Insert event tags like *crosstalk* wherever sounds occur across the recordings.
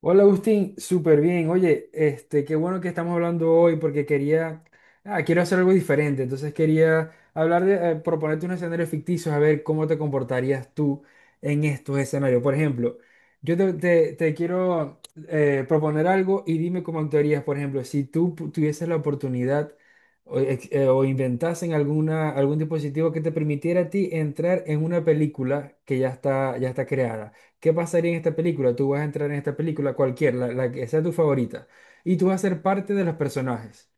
Hola Agustín, súper bien. Oye, este, qué bueno que estamos hablando hoy porque quiero hacer algo diferente. Entonces quería hablar de, proponerte unos escenarios ficticios a ver cómo te comportarías tú en estos escenarios. Por ejemplo, yo te quiero proponer algo y dime cómo actuarías. Por ejemplo, si tú tuvieses la oportunidad o, o inventasen algún dispositivo que te permitiera a ti entrar en una película que ya está creada. ¿Qué pasaría en esta película? Tú vas a entrar en esta película la que sea tu favorita, y tú vas a ser parte de los personajes.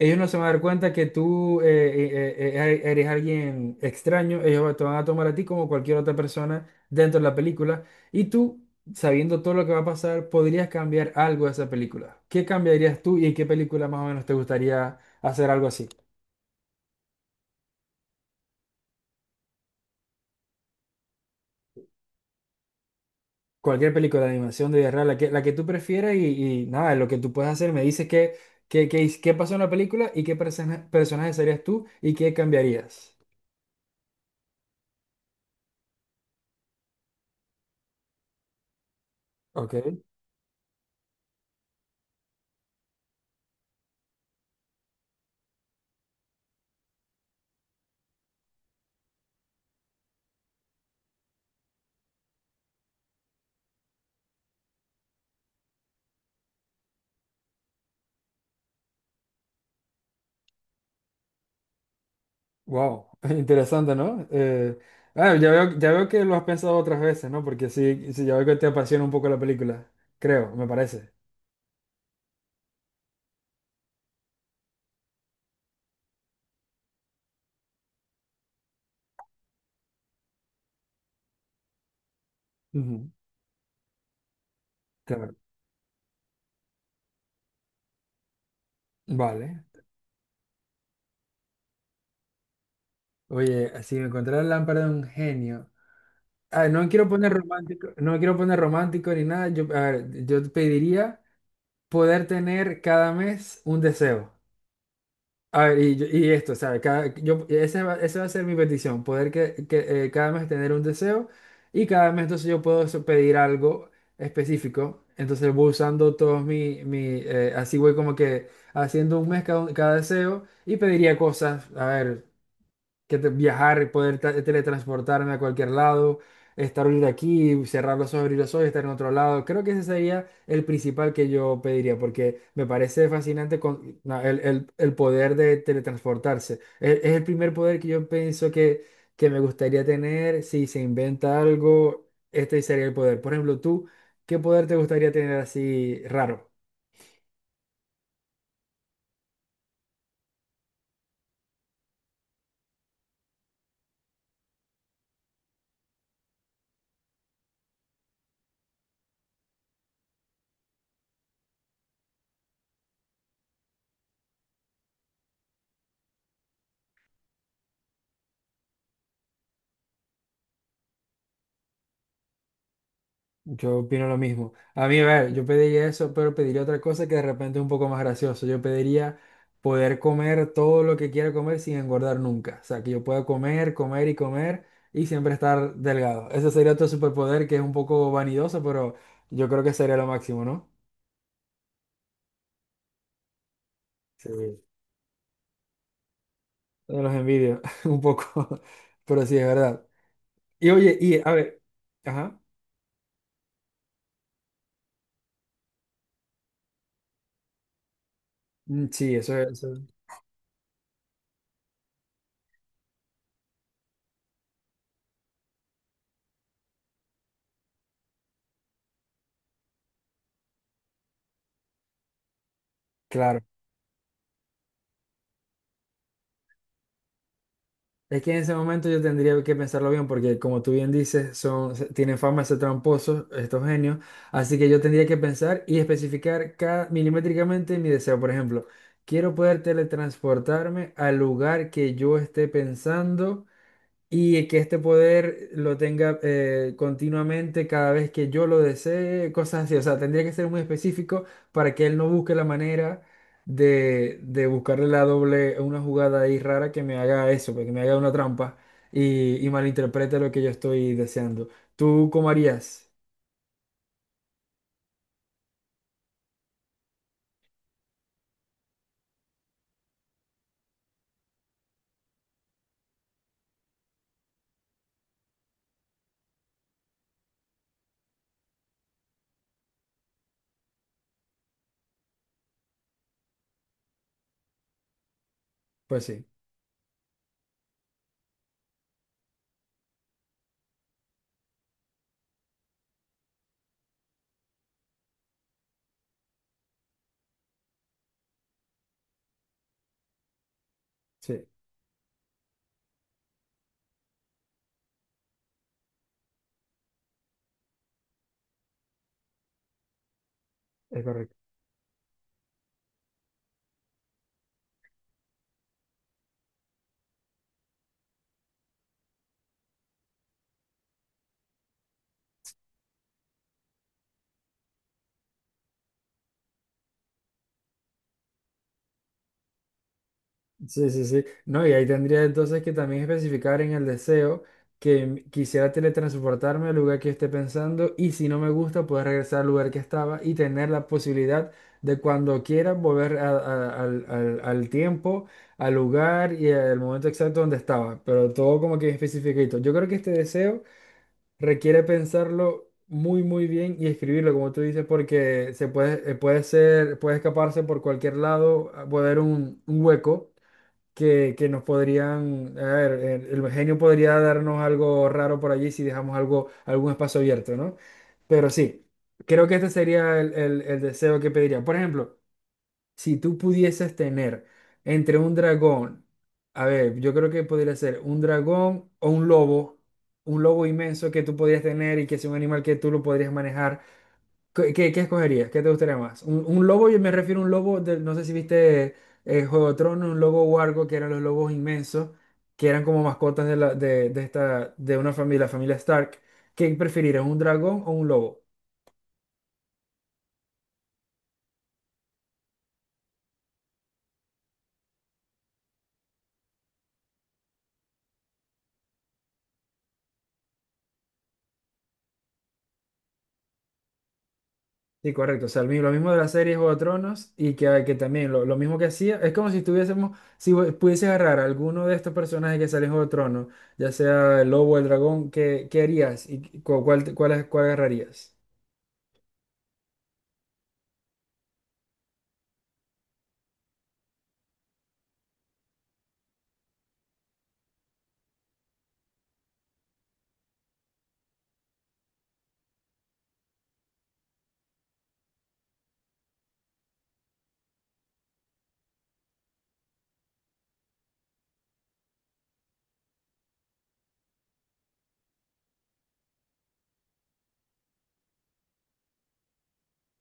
Ellos no se van a dar cuenta que tú eres alguien extraño, ellos te van a tomar a ti como cualquier otra persona dentro de la película, y tú, sabiendo todo lo que va a pasar, podrías cambiar algo de esa película. ¿Qué cambiarías tú y en qué película más o menos te gustaría hacer algo así? Cualquier película de animación, de vida la que tú prefieras y nada, lo que tú puedes hacer. Me dices qué pasó en la película y qué personaje serías tú y qué cambiarías. Ok, wow, *laughs* interesante, ¿no? Ya veo que lo has pensado otras veces, ¿no? Porque sí, sí, ya veo que te apasiona un poco la película, creo, me parece. Ujú. Claro, vale. Oye, si me encontrara la lámpara de un genio. Ah, no quiero poner romántico, no quiero poner romántico ni nada. Yo, a ver, yo te pediría. Poder tener cada mes un deseo. A ver, y esto, ¿sabes? Esa va a ser mi petición, poder cada mes tener un deseo y cada mes entonces yo puedo pedir algo específico. Entonces voy usando todos mi, mi así voy como que haciendo un mes cada deseo y pediría cosas, a ver que viajar y poder teletransportarme a cualquier lado, estar ahorita aquí, cerrar los ojos, abrir los ojos, estar en otro lado. Creo que ese sería el principal que yo pediría, porque me parece fascinante no, el poder de teletransportarse. Es el primer poder que yo pienso que me gustaría tener. Si se inventa algo, este sería el poder. Por ejemplo, tú, ¿qué poder te gustaría tener así raro? Yo opino lo mismo. A mí, a ver, yo pediría eso, pero pediría otra cosa que de repente es un poco más gracioso. Yo pediría poder comer todo lo que quiera comer sin engordar nunca. O sea, que yo pueda comer, comer y comer y siempre estar delgado. Ese sería otro superpoder que es un poco vanidoso, pero yo creo que sería lo máximo, ¿no? Sí. Yo los envidio *laughs* un poco, pero sí, es verdad. Y oye, y a ver, ajá. Mm, sí, claro. Es que en ese momento yo tendría que pensarlo bien, porque como tú bien dices, tienen fama de ser tramposos estos genios, así que yo tendría que pensar y especificar milimétricamente mi deseo. Por ejemplo, quiero poder teletransportarme al lugar que yo esté pensando y que este poder lo tenga continuamente cada vez que yo lo desee, cosas así. O sea, tendría que ser muy específico para que él no busque la manera de buscarle una jugada ahí rara que me haga eso, pues, que me haga una trampa y malinterprete lo que yo estoy deseando. ¿Tú cómo harías? Pues sí, sí, es correcto. Sí, sí, sí. No, y ahí tendría entonces que también especificar en el deseo que quisiera teletransportarme al lugar que esté pensando y si no me gusta, poder regresar al lugar que estaba y tener la posibilidad de cuando quiera volver al tiempo, al lugar y al momento exacto donde estaba. Pero todo como que especificadito. Yo creo que este deseo requiere pensarlo muy, muy bien y escribirlo, como tú dices, porque se puede, puede ser, puede escaparse por cualquier lado, puede haber un hueco que nos podrían, a ver, el genio podría darnos algo raro por allí si dejamos algún espacio abierto, ¿no? Pero sí, creo que este sería el deseo que pediría. Por ejemplo, si tú pudieses tener entre un dragón, a ver, yo creo que podría ser un dragón o un lobo inmenso que tú podrías tener y que es un animal que tú lo podrías manejar. ¿Qué escogerías? ¿Qué te gustaría más? Un lobo, yo me refiero a un lobo, no sé si viste Juego de Tronos, un lobo huargo, que eran los lobos inmensos, que eran como mascotas de una familia, la familia Stark. ¿Qué preferirías, un dragón o un lobo? Sí, correcto. O sea, lo mismo de la serie Juego de Tronos y que también lo mismo que hacía, es como si estuviésemos, si pudieses agarrar a alguno de estos personajes que salen en Juego de Tronos, ya sea el lobo o el dragón, ¿qué harías y cuál agarrarías?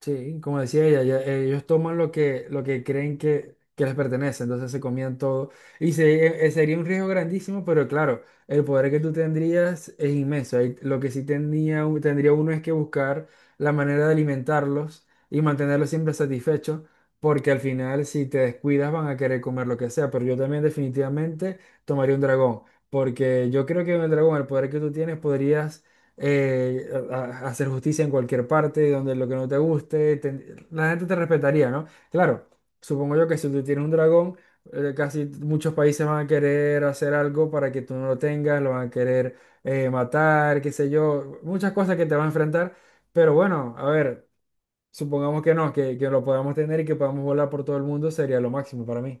Sí, como decía ella, ellos toman lo que creen que les pertenece, entonces se comían todo. Y sería un riesgo grandísimo, pero claro, el poder que tú tendrías es inmenso. Ahí lo que sí tendría uno es que buscar la manera de alimentarlos y mantenerlos siempre satisfechos, porque al final si te descuidas van a querer comer lo que sea, pero yo también definitivamente tomaría un dragón, porque yo creo que con el dragón, el poder que tú tienes, podrías a hacer justicia en cualquier parte, donde lo que no te guste, la gente te respetaría, ¿no? Claro, supongo yo que si tú tienes un dragón, casi muchos países van a querer hacer algo para que tú no lo tengas, lo van a querer matar, qué sé yo, muchas cosas que te van a enfrentar, pero bueno, a ver, supongamos que no, que lo podamos tener y que podamos volar por todo el mundo, sería lo máximo para mí.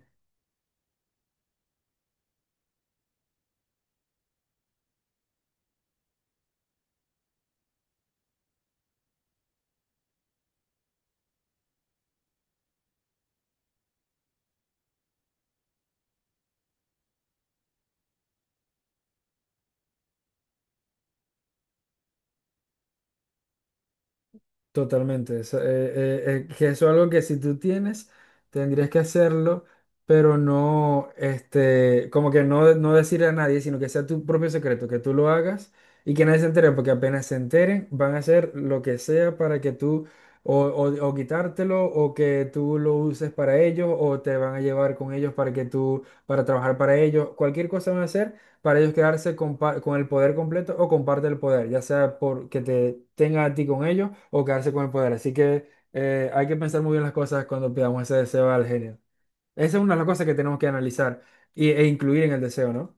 Totalmente. Eso, que eso es algo que si tú tienes, tendrías que hacerlo, pero no, este, como que no, no decirle a nadie, sino que sea tu propio secreto, que tú lo hagas y que nadie se entere, porque apenas se enteren, van a hacer lo que sea para que tú, o quitártelo, o que tú lo uses para ellos, o te van a llevar con ellos para que tú, para trabajar para ellos, cualquier cosa van a hacer para ellos quedarse con el poder completo o comparte el poder, ya sea por que te tenga a ti con ellos o quedarse con el poder. Así que hay que pensar muy bien las cosas cuando pidamos ese deseo al genio. Esa es una de las cosas que tenemos que analizar e incluir en el deseo, ¿no?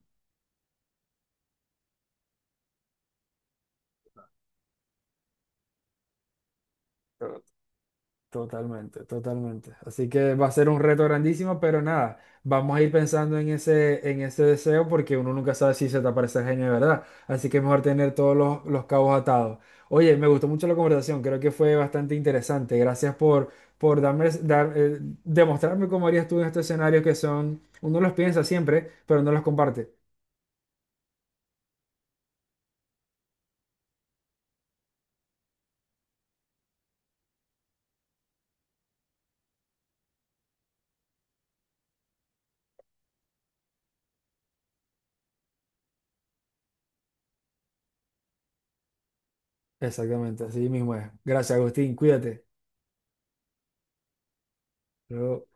Totalmente, totalmente. Así que va a ser un reto grandísimo, pero nada, vamos a ir pensando en ese deseo porque uno nunca sabe si se te aparece el genio de verdad. Así que es mejor tener todos los cabos atados. Oye, me gustó mucho la conversación, creo que fue bastante interesante. Gracias por demostrarme cómo harías tú en estos escenarios que son, uno los piensa siempre, pero no los comparte. Exactamente, así mismo es. Gracias, Agustín, cuídate. Luego-